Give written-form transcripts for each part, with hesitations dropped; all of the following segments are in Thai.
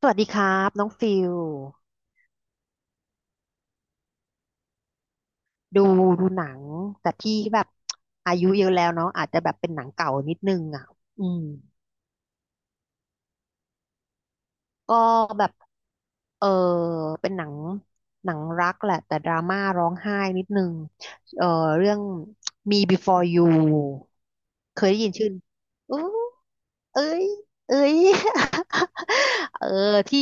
สวัสดีครับน้องฟิลดูดูหนังแต่พี่แบบอายุเยอะแล้วเนาะอาจจะแบบเป็นหนังเก่านิดนึงอ่ะอืมก็แบบเออเป็นหนังรักแหละแต่ดราม่าร้องไห้นิดนึงเออเรื่อง Me Before You เคยได้ยินชื่ออู้เอ้ยเอ้ย เออที่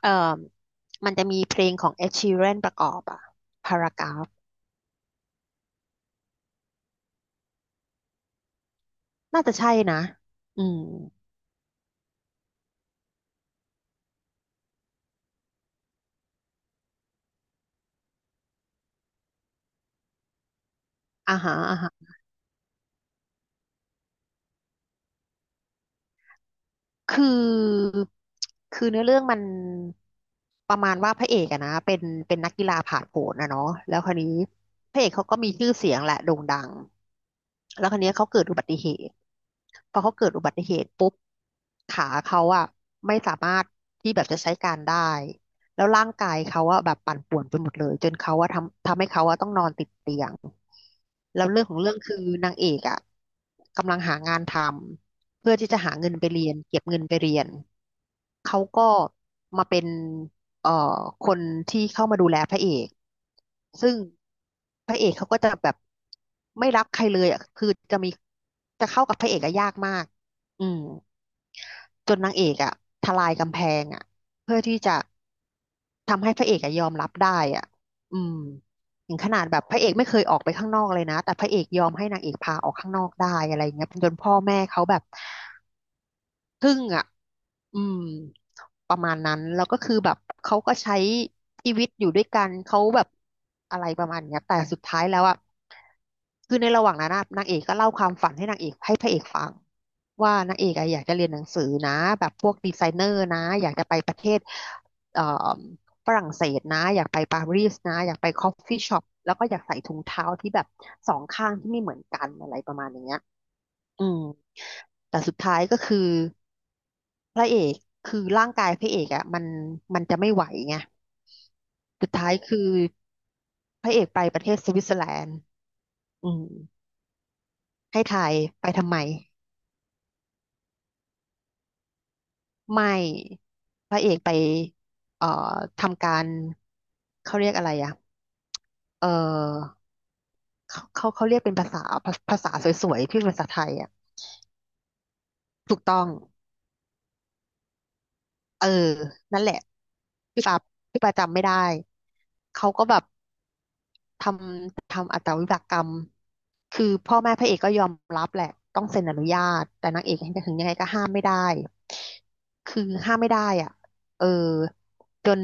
เออมันจะมีเพลงของ Ed Sheeran ประกอบอ่ะ Paragraph น่าจะใช่นะอืม อ่าฮะอ่าฮะคือคือเนื้อเรื่องมันประมาณว่าพระเอกอะนะเป็นนักกีฬาผาดโผนนะเนาะแล้วคราวนี้พระเอกเขาก็มีชื่อเสียงแหละโด่งดังแล้วคราวนี้เขาเกิดอุบัติเหตุพอเขาเกิดอุบัติเหตุปุ๊บขาเขาอะไม่สามารถที่แบบจะใช้การได้แล้วร่างกายเขาอะแบบปั่นป่วนไปหมดเลยจนเขาอะทำให้เขาอะต้องนอนติดเตียงแล้วเรื่องของเรื่องคือนางเอกอะกำลังหางานทำ เพื่อที่จะหาเงินไปเรียนเก็บเงินไปเรียนเขาก็มาเป็นเอ่อคนที่เข้ามาดูแลพระเอกซึ่งพระเอกเขาก็จะแบบไม่รักใครเลยอ่ะคือจะมีจะเข้ากับพระเอกอะยากมากอืมจนนางเอกอ่ะทลายกำแพงอ่ะเพื่อที่จะทำให้พระเอกอะยอมรับได้อ่ะอืมถึงขนาดแบบพระเอกไม่เคยออกไปข้างนอกเลยนะแต่พระเอกยอมให้นางเอกพาออกข้างนอกได้อะไรเงี้ยจนพ่อแม่เขาแบบ พึ่งอ่ะอืมประมาณนั้นแล้วก็คือแบบเขาก็ใช้ชีวิตอยู่ด้วยกันเขาแบบอะไรประมาณเนี้ยแต่สุดท้ายแล้วอ่ะคือในระหว่างนั้นน่ะนางเอกก็เล่าความฝันให้นางเอกให้พระเอกฟังว่านางเอกอะอยากจะเรียนหนังสือนะแบบพวกดีไซเนอร์นะอยากจะไปประเทศเอ่อฝรั่งเศสนะอยากไปปารีสนะอยากไปคอฟฟี่ช็อปแล้วก็อยากใส่ถุงเท้าที่แบบสองข้างที่ไม่เหมือนกันอะไรประมาณอย่างเงี้ยอืมแต่สุดท้ายก็คือ พระเอกคือร่างกายพระเอกอ่ะมันจะไม่ไหวไงสุดท้ายคือพระเอกไปประเทศสวิตเซอร์แลนด์อืมให้ทายไปทำไมไม่พระเอกไปเอ่อทำการเขาเรียกอะไรอ่ะเออเขาเรียกเป็นภาษาภาษาสวยๆที่เป็นภาษาไทยอ่ะถูกต้องเออนั่นแหละพี่ปาพี่ปาจำไม่ได้เขาก็แบบ ททำอาตวิบากกรรม คือพ่อแม่พระเอกก็ยอมรับแหละ ต้องเซ็นอนุญาต แต่นางเอกถึงยังไงก็ห้ามไม่ได้คือห้ามไม่ได้อ่ะเออจน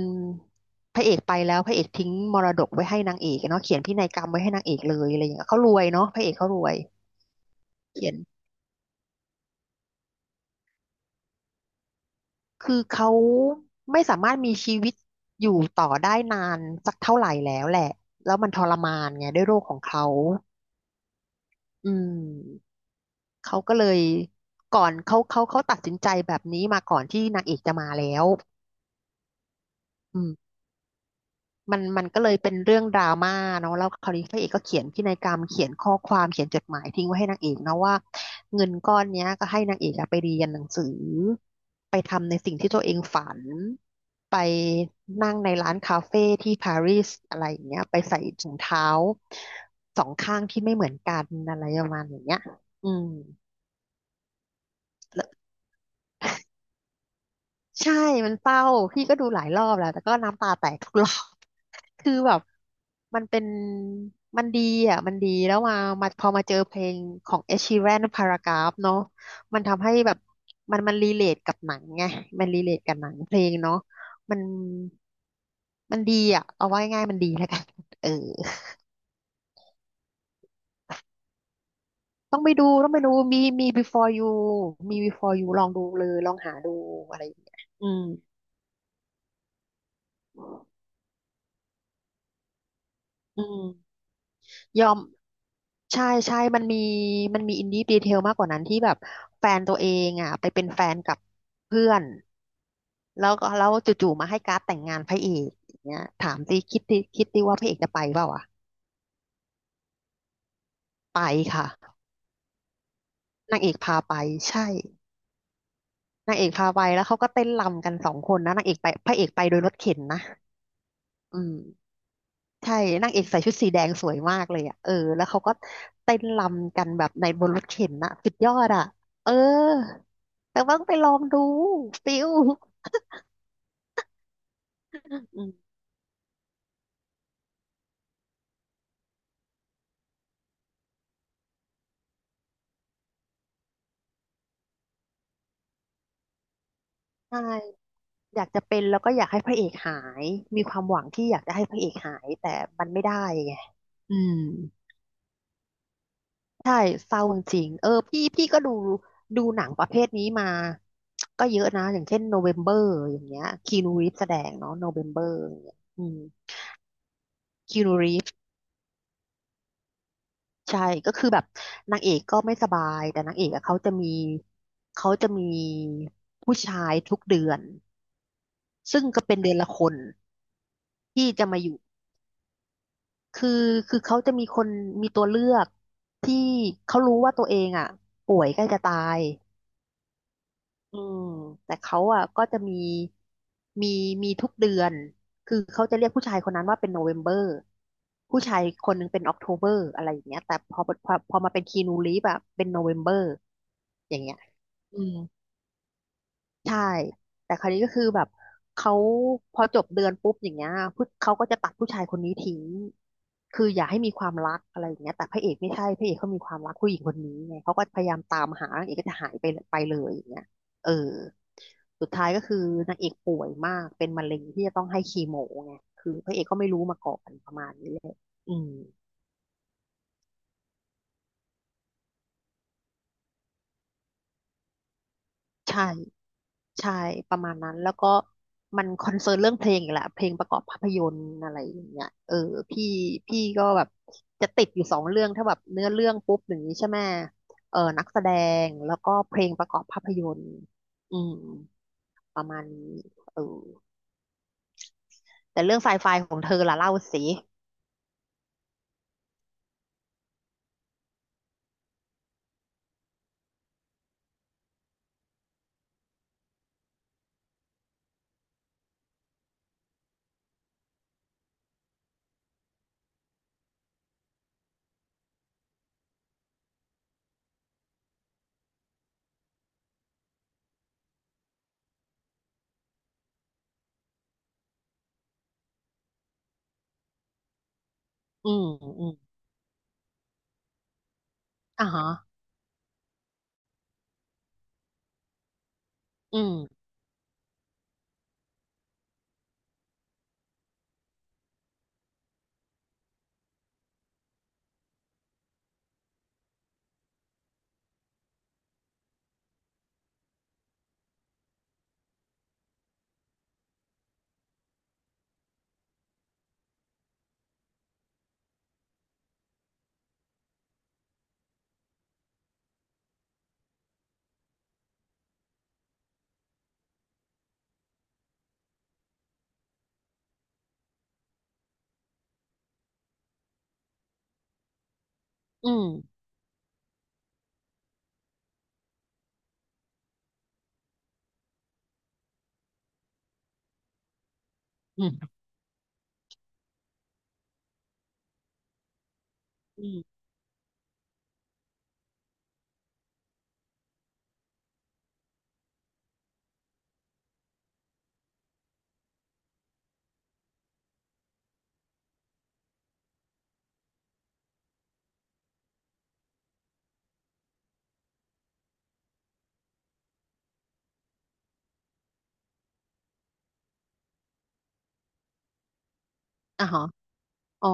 พระเอกไปแล้วพระเอกทิ้งมรดกไว้ให้นางเอกเนาะเขียนพินัยกรรมไว้ให้นางเอกเลยอะไรอย่างเงี้ยเขารวยเนาะพระเอกเขารวยเขียนคือเขาไม่สามารถมีชีวิตอยู่ต่อได้นานสักเท่าไหร่แล้วแหละแล้วมันทรมานไงด้วยโรคของเขาอืม เขาก็เลยก่อนเขาตัดสินใจแบบนี้มาก่อนที่นางเอกจะมาแล้วอืมมันก็เลยเป็นเรื่องดราม่าเนาะแล้วคราวนี้พระเอกก็เขียนพินัยกรรมเขียนข้อความเขียนจดหมายทิ้งไว้ให้นางเอกนะว่าเงินก้อนเนี้ยก็ให้นางเอกอะไปเรียนหนังสือไปทำในสิ่งที่ตัวเองฝันไปนั่งในร้านคาเฟ่ที่ปารีสอะไรอย่างเงี้ยไปใส่ถุงเท้าสองข้างที่ไม่เหมือนกันอะไรประมาณอย่างเงี้ยอืม ใช่ มันเศร้าพี่ก็ดูหลายรอบแล้ว แต่ก็น้ำตาแตกทุกรอบ คือแบบ มันเป็น มันดีอ่ะ มันดี แล้วมาพอมาเจอเพลงของ Ed Sheeran Paragraph เนาะมันทำให้แบบ มันรีเลทกับหนังไงมันรีเลทกับหนังเพลงเนาะมันมันดีอ่ะ เอาไว้ง่ายมันดีแล้วกันเออต้องไปดู ต้องไปดูมี Before You มี Before You ลองดูเลย ลองหาดูอะไรอย่างเงี้ยอืมอืมยอม ใช่ใช่มันมีมีอินดี้ดีเทลมากกว่านั้นที่แบบแฟนตัวเองอ่ะไปเป็นแฟนกับเพื่อนแล้วก็แล้วจู่ๆมาให้การ์ดแต่งงานพระเอกอย่างเงี้ยถามสิคิดดิคิดดิว่าพระเอกจะไปเปล่าวะไปค่ะนางเอกพาไปใช่นางเอกพาไปแล้วเขาก็เต้นรำกันสองคนนะนางเอกไปพระเอกไปโดยรถเข็นนะอืมใช่นางเอกใส่ชุดสีแดงสวยมากเลยอ่ะเออแล้วเขาก็เต้นรำกันแบบในบนรถเข็นนะสุดยอดอ่ะเออแต่ว่าต้องไปลองดูฟิล อืมใช่อยากจะเป็นแล้วก็อยากให้พระเอกหาย มีความหวังที่อยากจะให้พระเอกหายแต่มันไม่ได้ไงอืมใช่เศร้าจริงๆเออพี่ก็ดูหนังประเภทนี้มาก็เยอะนะ อย่างเช่นโนเวมเบอร์อย่างเงี้ยคีนูรีฟแสดงเนาะโนเวมเบอร์อย่างเงี้ยอืมใช่ก็คือแบบนางเอกก็ไม่สบายแต่นางเอกอะเขาจะมีผู้ชายทุกเดือนซึ่งก็เป็นเดือนละคนที่จะมาอยู่ คือคือเขาจะมีคนมีตัวเลือกที่เขารู้ว่าตัวเองอ่ะป่วยใกล้จะตายอืมแต่เขาอ่ะก็จะมีมีทุกเดือนคือเขาจะเรียกผู้ชายคนนั้นว่าเป็นโนเวมเบอร์ผู้ชายคนหนึงเป็นออกโทเบอร์อะไรอย่างเงี้ยแต่พอมาเป็นคีนูรีฟอะเป็นโนเวมเบอร์อย่างเงี้ยอืม ใช่ แต่คราวนี้ก็คือแบบเขาพอจบเดือนปุ๊บอย่างเงี้ยผู้เขาก็จะตัดผู้ชายคนนี้ทิ้งคืออย่าให้มีความรักอะไรอย่างเงี้ยแต่พระเอกไม่ใช่พระเอกเขามีความรักผู้หญิงคนนี้ไงเขาก็พยายามตามหานางเอกก็จะหายไปเลยอย่างเงี้ยเออสุดท้ายก็คือนางเอกป่วยมากเป็นมะเร็งที่จะต้องให้คีโมไงคือพระเอกก็ไม่รู้มาก่อนประมาณนี้เลยอืมใช่ ใช่ประมาณนั้นแล้วก็มันคอนเซิร์นเรื่องเพลงอีกแหละเพลงประกอบภาพยนตร์อะไรอย่างเงี้ยเออพี่พี่ก็แบบจะติดอยู่สองเรื่องถ้าแบบเนื้อเรื่องปุ๊บอย่างนี้ใช่ไหมเออนักแสดงแล้วก็เพลงประกอบภาพยนตร์อืมประมาณนี้เออแต่เรื่องไซไฟของเธอล่ะเล่าสิอืมอืมอ่ะฮะอืมอืมอืมอืมอ่ะฮะอ๋อ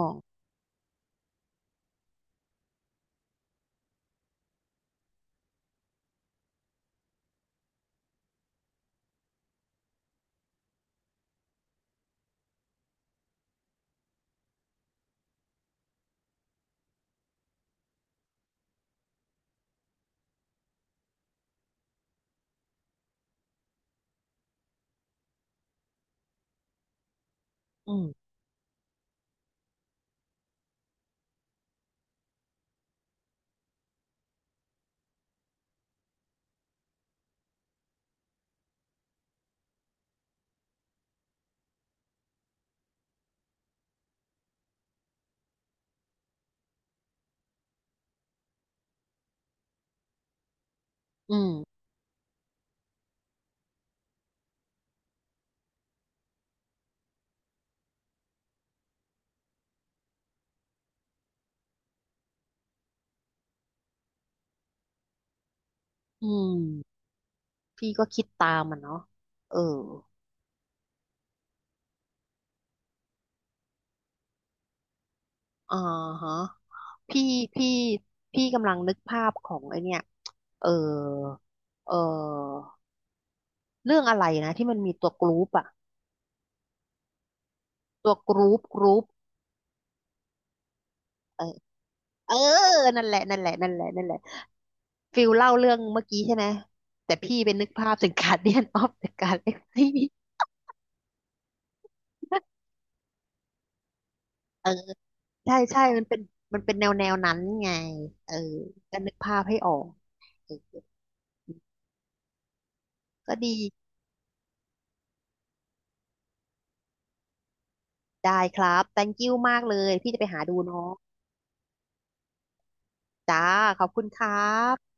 อืมอืมอืมพี่ก็คิดตามมันเนาะเอออ่าฮะ พี่พี่พี่กำลังนึกภาพของไอเนี่ยเออเออเรื่องอะไรนะที่มันมีตัวกรุ๊ปอะตัวกรุ๊ปกรุ๊ปเออเออ นั่นแหละนั่นแหละนั่นแหละนั่นแหละฟิลเล่าเรื่องเมื่อกี้ใช่ไหมแต่พี่เป็นนึกภาพถึงการเดียนออฟเึงการลเออใช่ใช่มันเป็นแนวนั้นไงเออก็นึกภาพให้ออกเออก็ดีได้ครับ thank you มากเลยพี่จะไปหาดูเนาะจ้าขอบคุณครับ